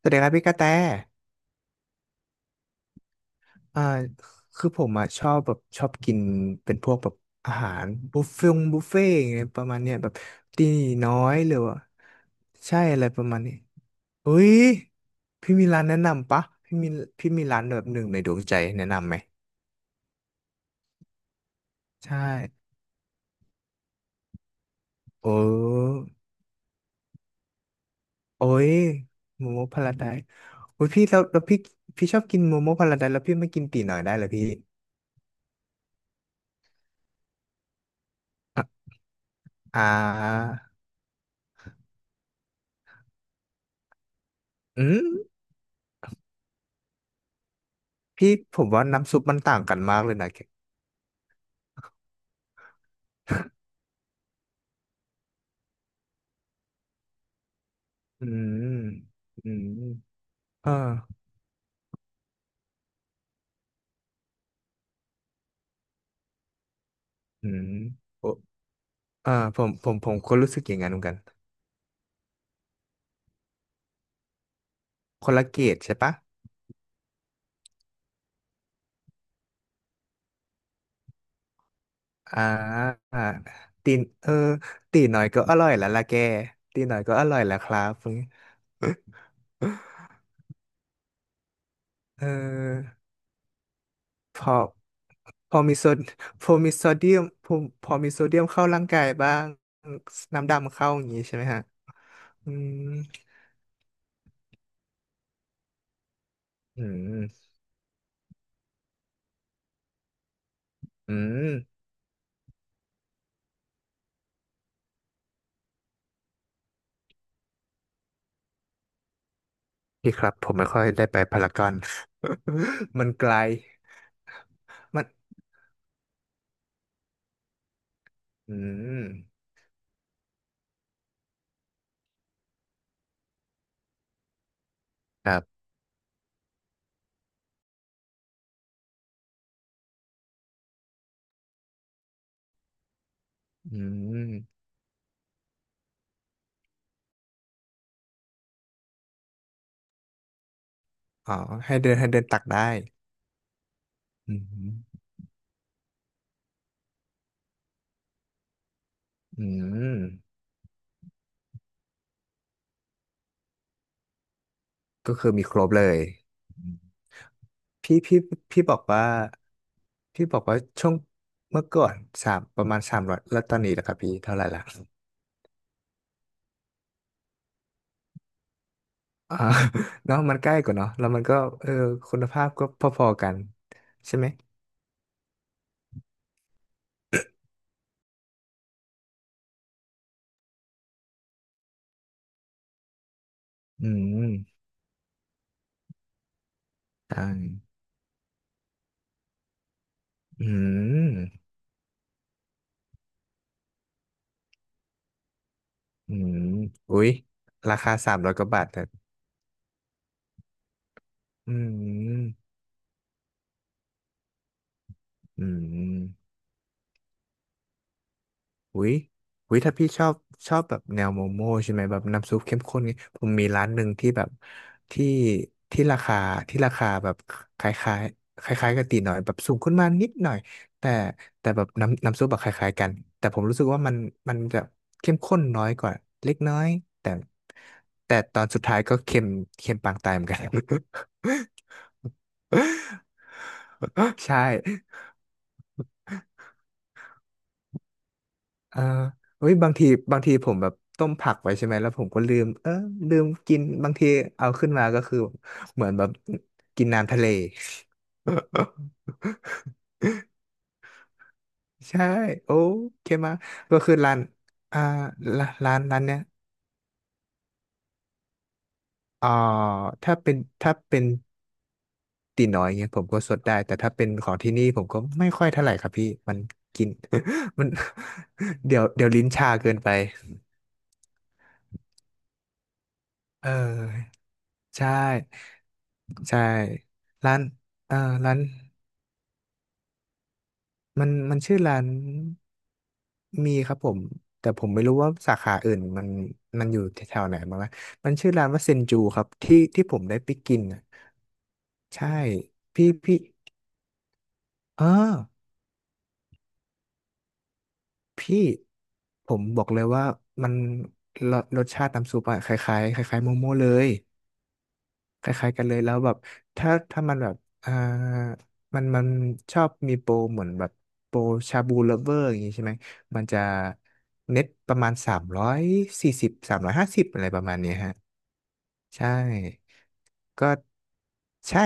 สวัสดีครับพี่กระแตอ่าคือผมอ่ะชอบแบบชอบกินเป็นพวกแบบอาหารบุฟเฟ่ต์บุฟเฟ่ต์อย่างเงี้ยประมาณเนี้ยแบบตีน้อยหรือว่าใช่อะไรประมาณนี้เฮ้ยพี่มีร้านแนะนำปะพี่มีร้านแบบหนึ่งในดวงใจแนะนำไหมใช่โอ้โอ้ยโมโมพาราไดซ์โอ้ยพี่แล้วพี่ชอบกินโมโมพาราไดซ์แล้วพี่ไม่กินตีน้อยได้เหรอพี่อ่ะอ่าอืมพี่ผมว่าน้ำซุปมันต่างกันมากเลยนะแค อืม อืมอ่าอืมโอผมก็รู้สึกอย่างนั้นเหมือนกันคนละเกรดใช่ปะอ่าอ่าเออตีหน่อยก็อร่อยแล้วล่ะแกตีหน่อยก็อร่อยแล้วครับเออพอพอมีโซดพอมีโซเดียมพอพอมีโซเดียมเข้าร่างกายบ้างน้ำดำเข้าอย่างนี้ใช่ไหมฮะอืมอืมอืมพี่ครับ ผมไม่ค่อยได้ไปพารากอน มันไกลมัน อืมครับอืมอ๋อให้เดินตักได้อืมอืมก็คือมีครบเลยอืมพี่พี่พี่บอกว่าพี่บอกว่าช่วงเมื่อก่อนสามประมาณสามร้อยแล้วตอนนี้ล่ะครับพี่เท่าไหร่ละ อ่า เนาะมันใกล้กว่าเนาะแล้วมันก็เออคุณภาพก็พอๆกันใช่ไหมอืมใช่อืมอืมอุ๊ยราคาสามร้อยกว่าบาทแต่อืมอืม อุ้ยอุ้ยถ้าพี่ชอบแบบแนวโมโม่ใช่ไหมแบบน้ำซุปเข้มข้นไงผมมีร้านหนึ่งที่แบบที่ที่ราคาที่ราคาแบบคล้ายๆคล้ายๆกับตีหน่อยแบบสูงขึ้นมานิดหน่อยแต่แบบน้ำซุปแบบคล้ายๆกันแต่ผมรู้สึกว่ามันจะเข้มข้นน้อยกว่าเล็กน้อยแต่ตอนสุดท้ายก็เค็มปางตายเหมือนกัน ใช่ อ่าเฮ้ยบางทีผมแบบต้มผักไว้ใช่ไหมแล้วผมก็ลืมลืมกินบางทีเอาขึ้นมาก็คือเหมือนแบบกินน้ำทะเล ใช่โอ้เคมาก็คือร้านอ่าร้านเนี้ยอ่าถ้าเป็นถ้าเป็นตีน้อยเงี้ยผมก็สดได้แต่ถ้าเป็นของที่นี่ผมก็ไม่ค่อยเท่าไหร่ครับพี่มันกิน มัน เดี๋ยวลิ้นชาเกินไปเออใช่ ใช่ร้านเอ่อร้านมันชื่อร้านมีครับผมแต่ผมไม่รู้ว่าสาขาอื่นมันมันอยู่แถวๆไหนบ้างนะมันชื่อร้านว่าเซนจูครับที่ที่ผมได้ไปกินน่ะใช่พี่เออพี่ผมบอกเลยว่ามันรสชาติน้ำซุปอะคล้ายๆคล้ายๆโมโม่เลย คล้ายๆกันเลยแล้วแบบถ้ามันแบบอ่ามันชอบมีโปรเหมือนแบบโปรชาบูเลเวอร์อย่างงี้ใช่ไหมมันจะเน็ตประมาณสามร้อยสี่สิบสามร้อยห้าสิบอะไรประมาณเนี้ยฮะใช่ก็ใช่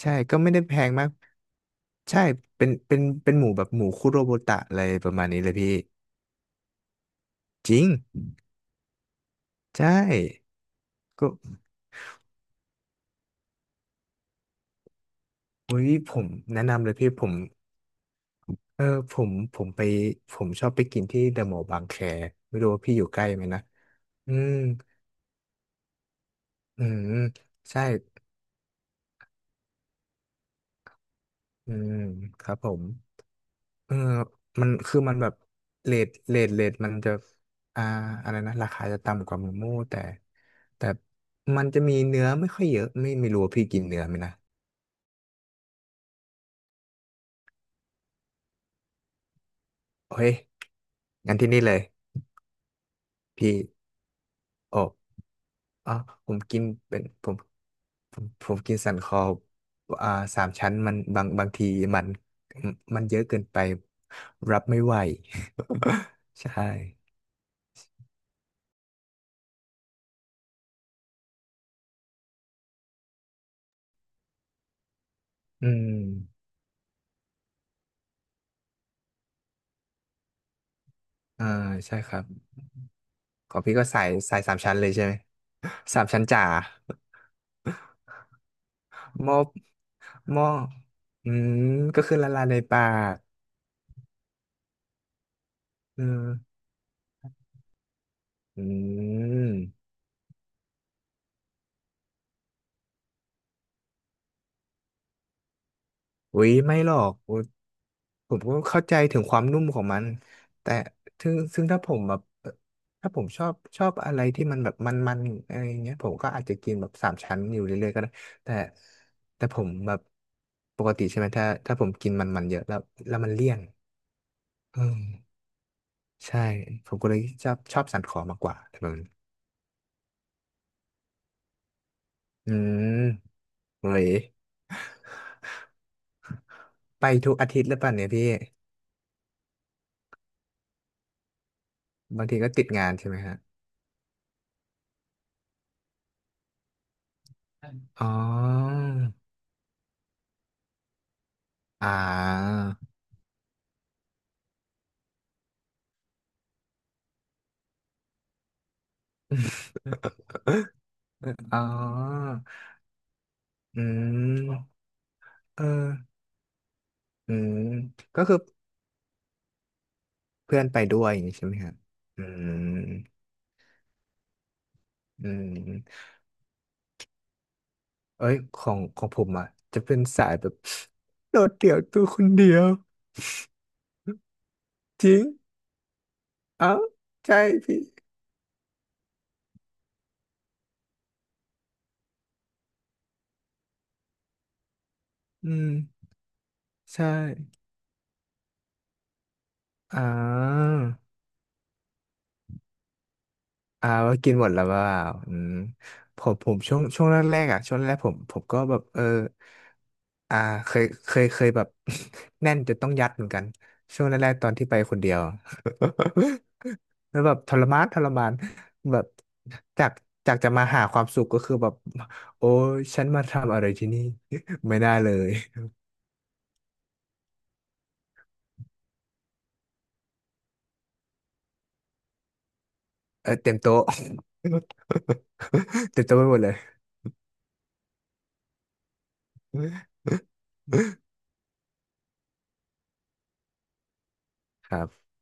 ใช่ก็ไม่ได้แพงมากใช่เป็นหมูแบบหมูคุโรบุตะอะไรประมาณนี้เลยพี่จริงใช่ก็อุ้ยผมแนะนำเลยพี่ผม เออผมผมไปผมชอบไปกินที่เดอะมอลล์บางแคไม่รู้ว่าพี่อยู่ใกล้ไหมนะอืมอืมใช่อืมครับผมเออมันคือมันแบบเรทมันจะอ่าอะไรนะราคาจะต่ำกว่าหมูโม่แต่แต่มันจะมีเนื้อไม่ค่อยเยอะไม่ไม่รู้ว่าพี่กินเนื้อไหมนะโอ้ยงั้นที่นี่เลยพี่โอ้ อ๋อผมกินเป็นผมกินสันคออ่าสามชั้นมันบางบางทีมันเยอะเกินไปรับไม่ไหว ใช่อืมอ่าใช่ครับของพี่ก็ใส่สามชั้นเลยใช่ไหม สามชั้นจ๋า หม้อหม้ออืมก็คือละลายในปากเอออืม อุ๊ยไม่หรอกอุ๊ยผมก็เข้าใจถึงความนุ่มของมันแต่ซึ่งถ้าผมแบบถ้าผมชอบอะไรที่มันแบบมันๆอะไรอย่างเงี้ยผมก็อาจจะกินแบบสามชั้นอยู่เรื่อยๆก็ได้แต่ผมแบบปกติใช่ไหมถ้าผมกินมันๆเยอะแล้วมันเลี่ยนอืมใช่ผมก็เลยชอบสันคอมากกว่าแต่มันอืมเฮ้ยไปทุกอาทิตย์หรือเปล่าเนี่ยพี่บางทีก็ติดงานใช่ไหมฮะอ๋ออ่า อ๋ออืมเอออืมก็คือเพื่อนไปด้วยอย่างนี้ใช่ไหมครับอืมอืมเอ้ยของของผมอ่ะจะเป็นสายแบบโดดเดี่ยวตัวคนเดียวจริงเอ้าใช่พี่อืมใช่อ่า อ่าว่ากินหมดแล้วว่าอืมผมช่วงแรกๆผมผมก็แบบเอออ่าเคยแบบ แน่นจนต้องยัดเหมือนกันช่วงแรกๆตอนที่ไปคนเดียว แล้วแบบทรมานทรมานแบบจากจากจะมาหาความสุขก็คือแบบโอ้ยฉันมาทำอะไรที่นี่ ไม่ได้เลยเออเต็มโต๊ะ เต็มโต๊ะไปหมดเลย ครับ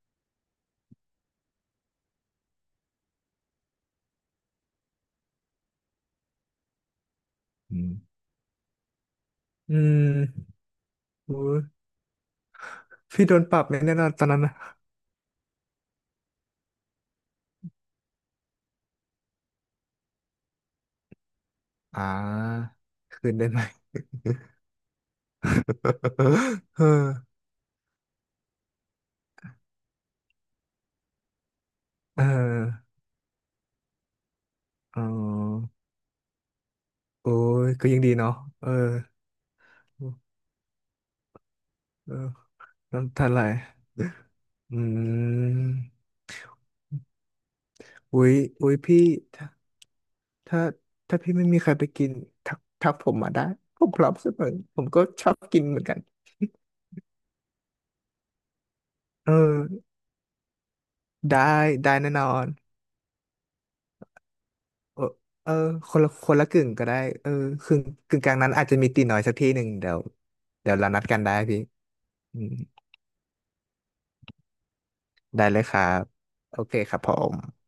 อืมอืมโอ้ พี่โดนปรับไหมแน่นอนตอนนั้นนะอ่า คืนได้ไหม เออเออเออโอ้ยก็ยังดีเนาะเออเออน้ำตาไหลอืมอุ้ยอุ้ยพี่ถ้าถ้า ถ้าพี่ไม่มีใครไปกินทักผมมาได้ ผมพร้อมเสมอผมก็ชอบกินเหมือนกัน เออ ได้ได้แน่นอน เออเออ คนละกึ่งก็ได้เออครึ่งกึ่งกลางนั้นอาจจะมีตีน้อยสักที่หนึ่งเดี๋ยวเรานัดกันได้พี่อืมได้เลยครับโอเคครับผม